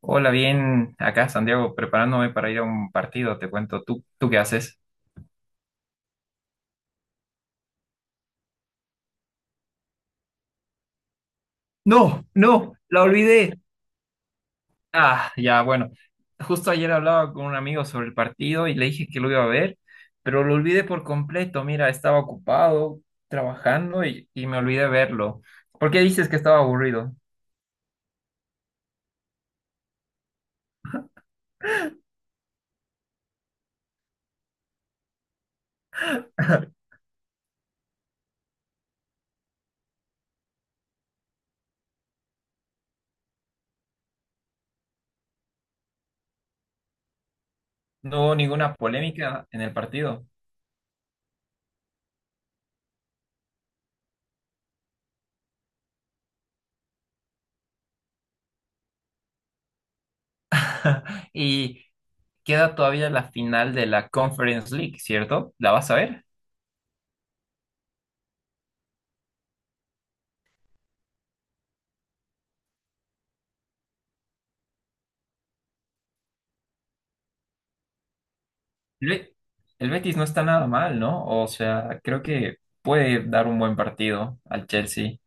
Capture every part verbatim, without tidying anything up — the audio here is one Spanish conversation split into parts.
Hola, bien, acá Santiago, preparándome para ir a un partido, te cuento, ¿tú, tú qué haces? No, no, la olvidé. Ah, ya, bueno, justo ayer hablaba con un amigo sobre el partido y le dije que lo iba a ver, pero lo olvidé por completo, mira, estaba ocupado trabajando y, y me olvidé verlo. ¿Por qué dices que estaba aburrido? No hubo ninguna polémica en el partido. Y queda todavía la final de la Conference League, ¿cierto? ¿La vas a ver? El Be- el Betis no está nada mal, ¿no? O sea, creo que puede dar un buen partido al Chelsea.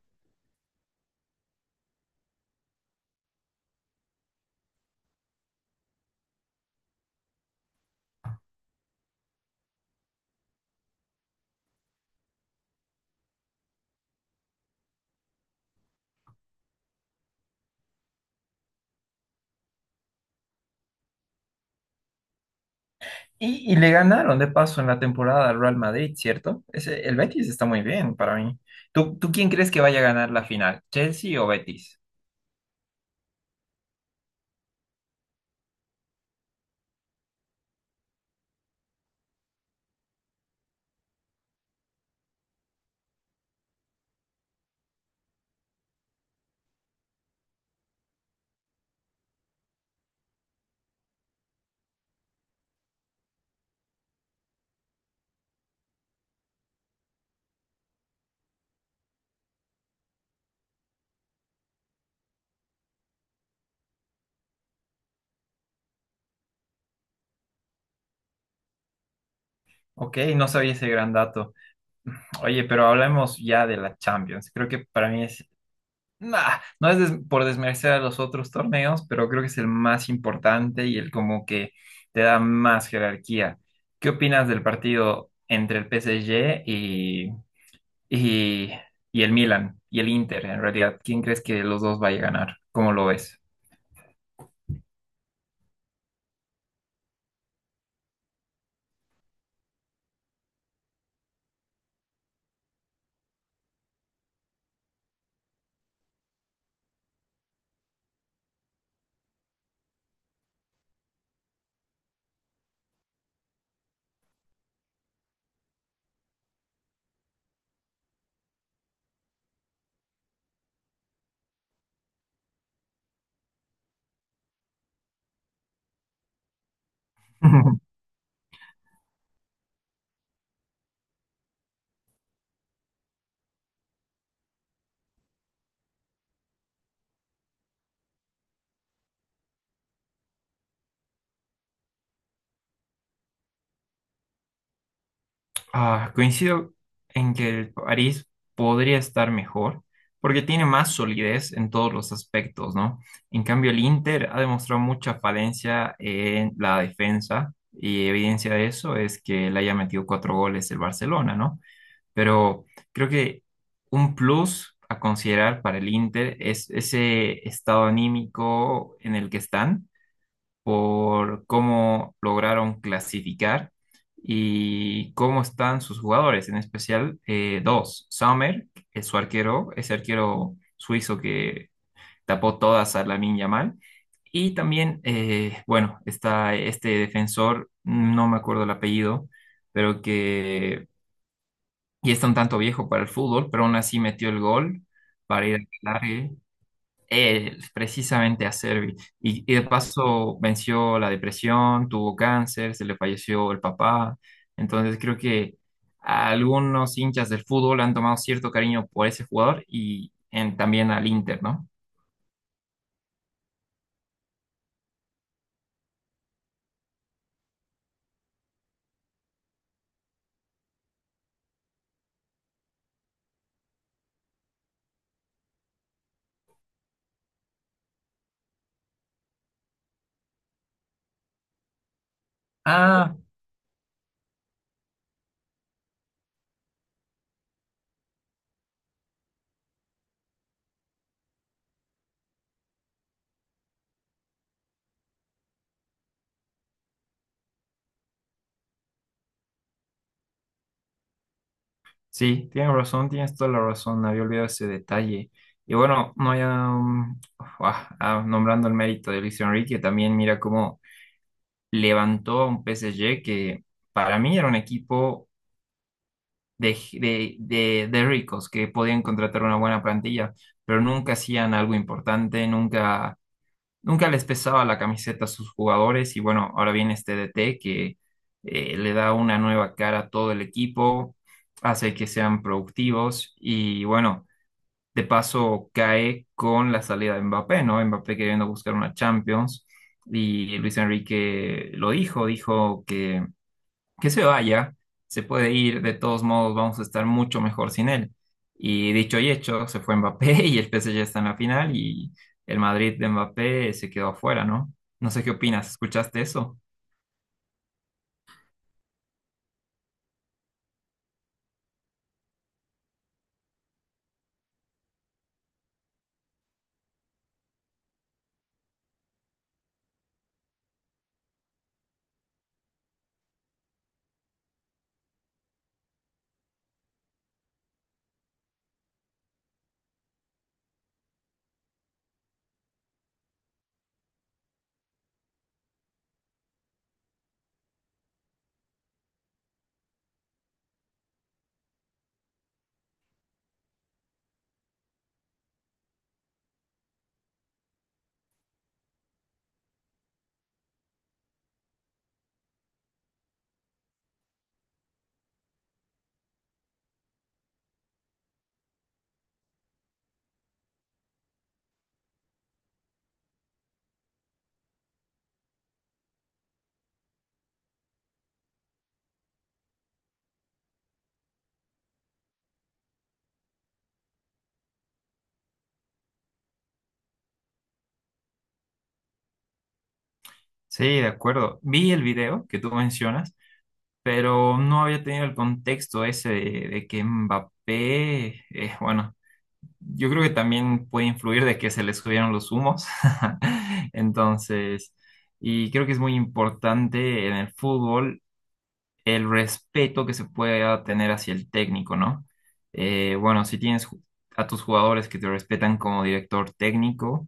Y, y le ganaron de paso en la temporada al Real Madrid, ¿cierto? Ese, el Betis está muy bien para mí. ¿Tú, tú quién crees que vaya a ganar la final? ¿Chelsea o Betis? Ok, no sabía ese gran dato. Oye, pero hablemos ya de la Champions. Creo que para mí es... Nah, no es des- por desmerecer a los otros torneos, pero creo que es el más importante y el como que te da más jerarquía. ¿Qué opinas del partido entre el P S G y, y, y el Milan y el Inter en realidad? ¿Quién crees que los dos vaya a ganar? ¿Cómo lo ves? Ah, coincido en que el París podría estar mejor porque tiene más solidez en todos los aspectos, ¿no? En cambio, el Inter ha demostrado mucha falencia en la defensa y evidencia de eso es que le haya metido cuatro goles el Barcelona, ¿no? Pero creo que un plus a considerar para el Inter es ese estado anímico en el que están por cómo lograron clasificar y cómo están sus jugadores, en especial eh, dos, Sommer, es su arquero, ese arquero suizo que tapó todas a Lamine Yamal, y también, eh, bueno, está este defensor, no me acuerdo el apellido, pero que y está un tanto viejo para el fútbol, pero aún así metió el gol para ir a él, precisamente a Servi. Y, y de paso venció la depresión, tuvo cáncer, se le falleció el papá. Entonces creo que a algunos hinchas del fútbol han tomado cierto cariño por ese jugador y en- también al Inter, ¿no? Ah, sí, tienes razón, tienes toda la razón, había olvidado ese detalle. Y bueno, no ya, um, ah, ah, nombrando el mérito de Luis Enrique, también mira cómo levantó a un P S G que para mí era un equipo de, de, de- de ricos que podían contratar una buena plantilla, pero nunca hacían algo importante, nunca, nunca les pesaba la camiseta a sus jugadores y bueno, ahora viene este D T que eh, le da una nueva cara a todo el equipo, hace que sean productivos y bueno, de paso cae con la salida de Mbappé, ¿no? Mbappé queriendo buscar una Champions y Luis Enrique lo dijo, dijo que que se vaya, se puede ir, de todos modos vamos a estar mucho mejor sin él. Y dicho y hecho, se fue Mbappé y el P S G está en la final y el Madrid de Mbappé se quedó afuera, ¿no? No sé qué opinas, ¿escuchaste eso? Sí, de acuerdo. Vi el video que tú mencionas, pero no había tenido el contexto ese de, de que Mbappé, eh, bueno, yo creo que también puede influir de que se le subieron los humos. Entonces... Y creo que es muy importante en el fútbol el respeto que se pueda tener hacia el técnico, ¿no? Eh, bueno, si tienes ju- a tus jugadores que te respetan como director técnico,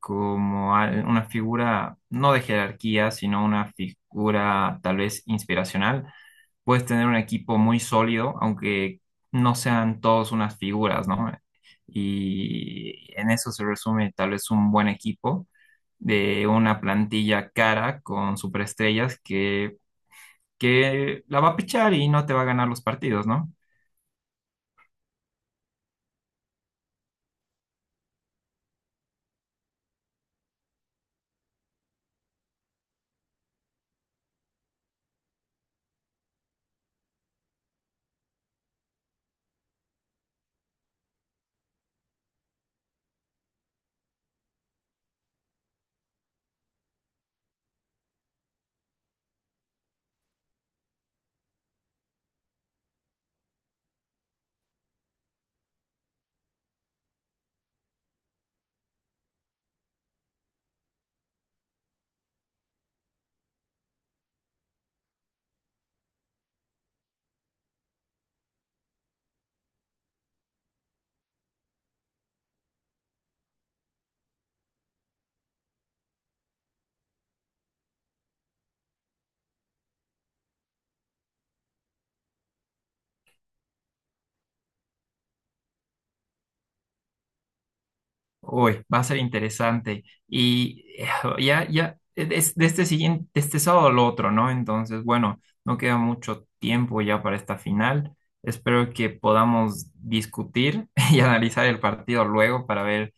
como al- una figura no de jerarquía, sino una figura tal vez inspiracional, puedes tener un equipo muy sólido, aunque no sean todos unas figuras, ¿no? Y en eso se resume tal vez un buen equipo de una plantilla cara con superestrellas que que la va a pichar y no te va a ganar los partidos, ¿no? Hoy va a ser interesante. Y eh, ya, ya, es de este siguiente, de este sábado al otro, ¿no? Entonces, bueno, no queda mucho tiempo ya para esta final. Espero que podamos discutir y analizar el partido luego para ver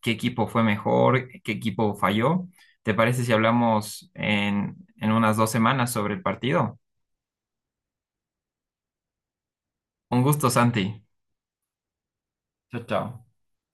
qué equipo fue mejor, qué equipo falló. ¿Te parece si hablamos en, en unas dos semanas sobre el partido? Un gusto, Santi. Chao, chao.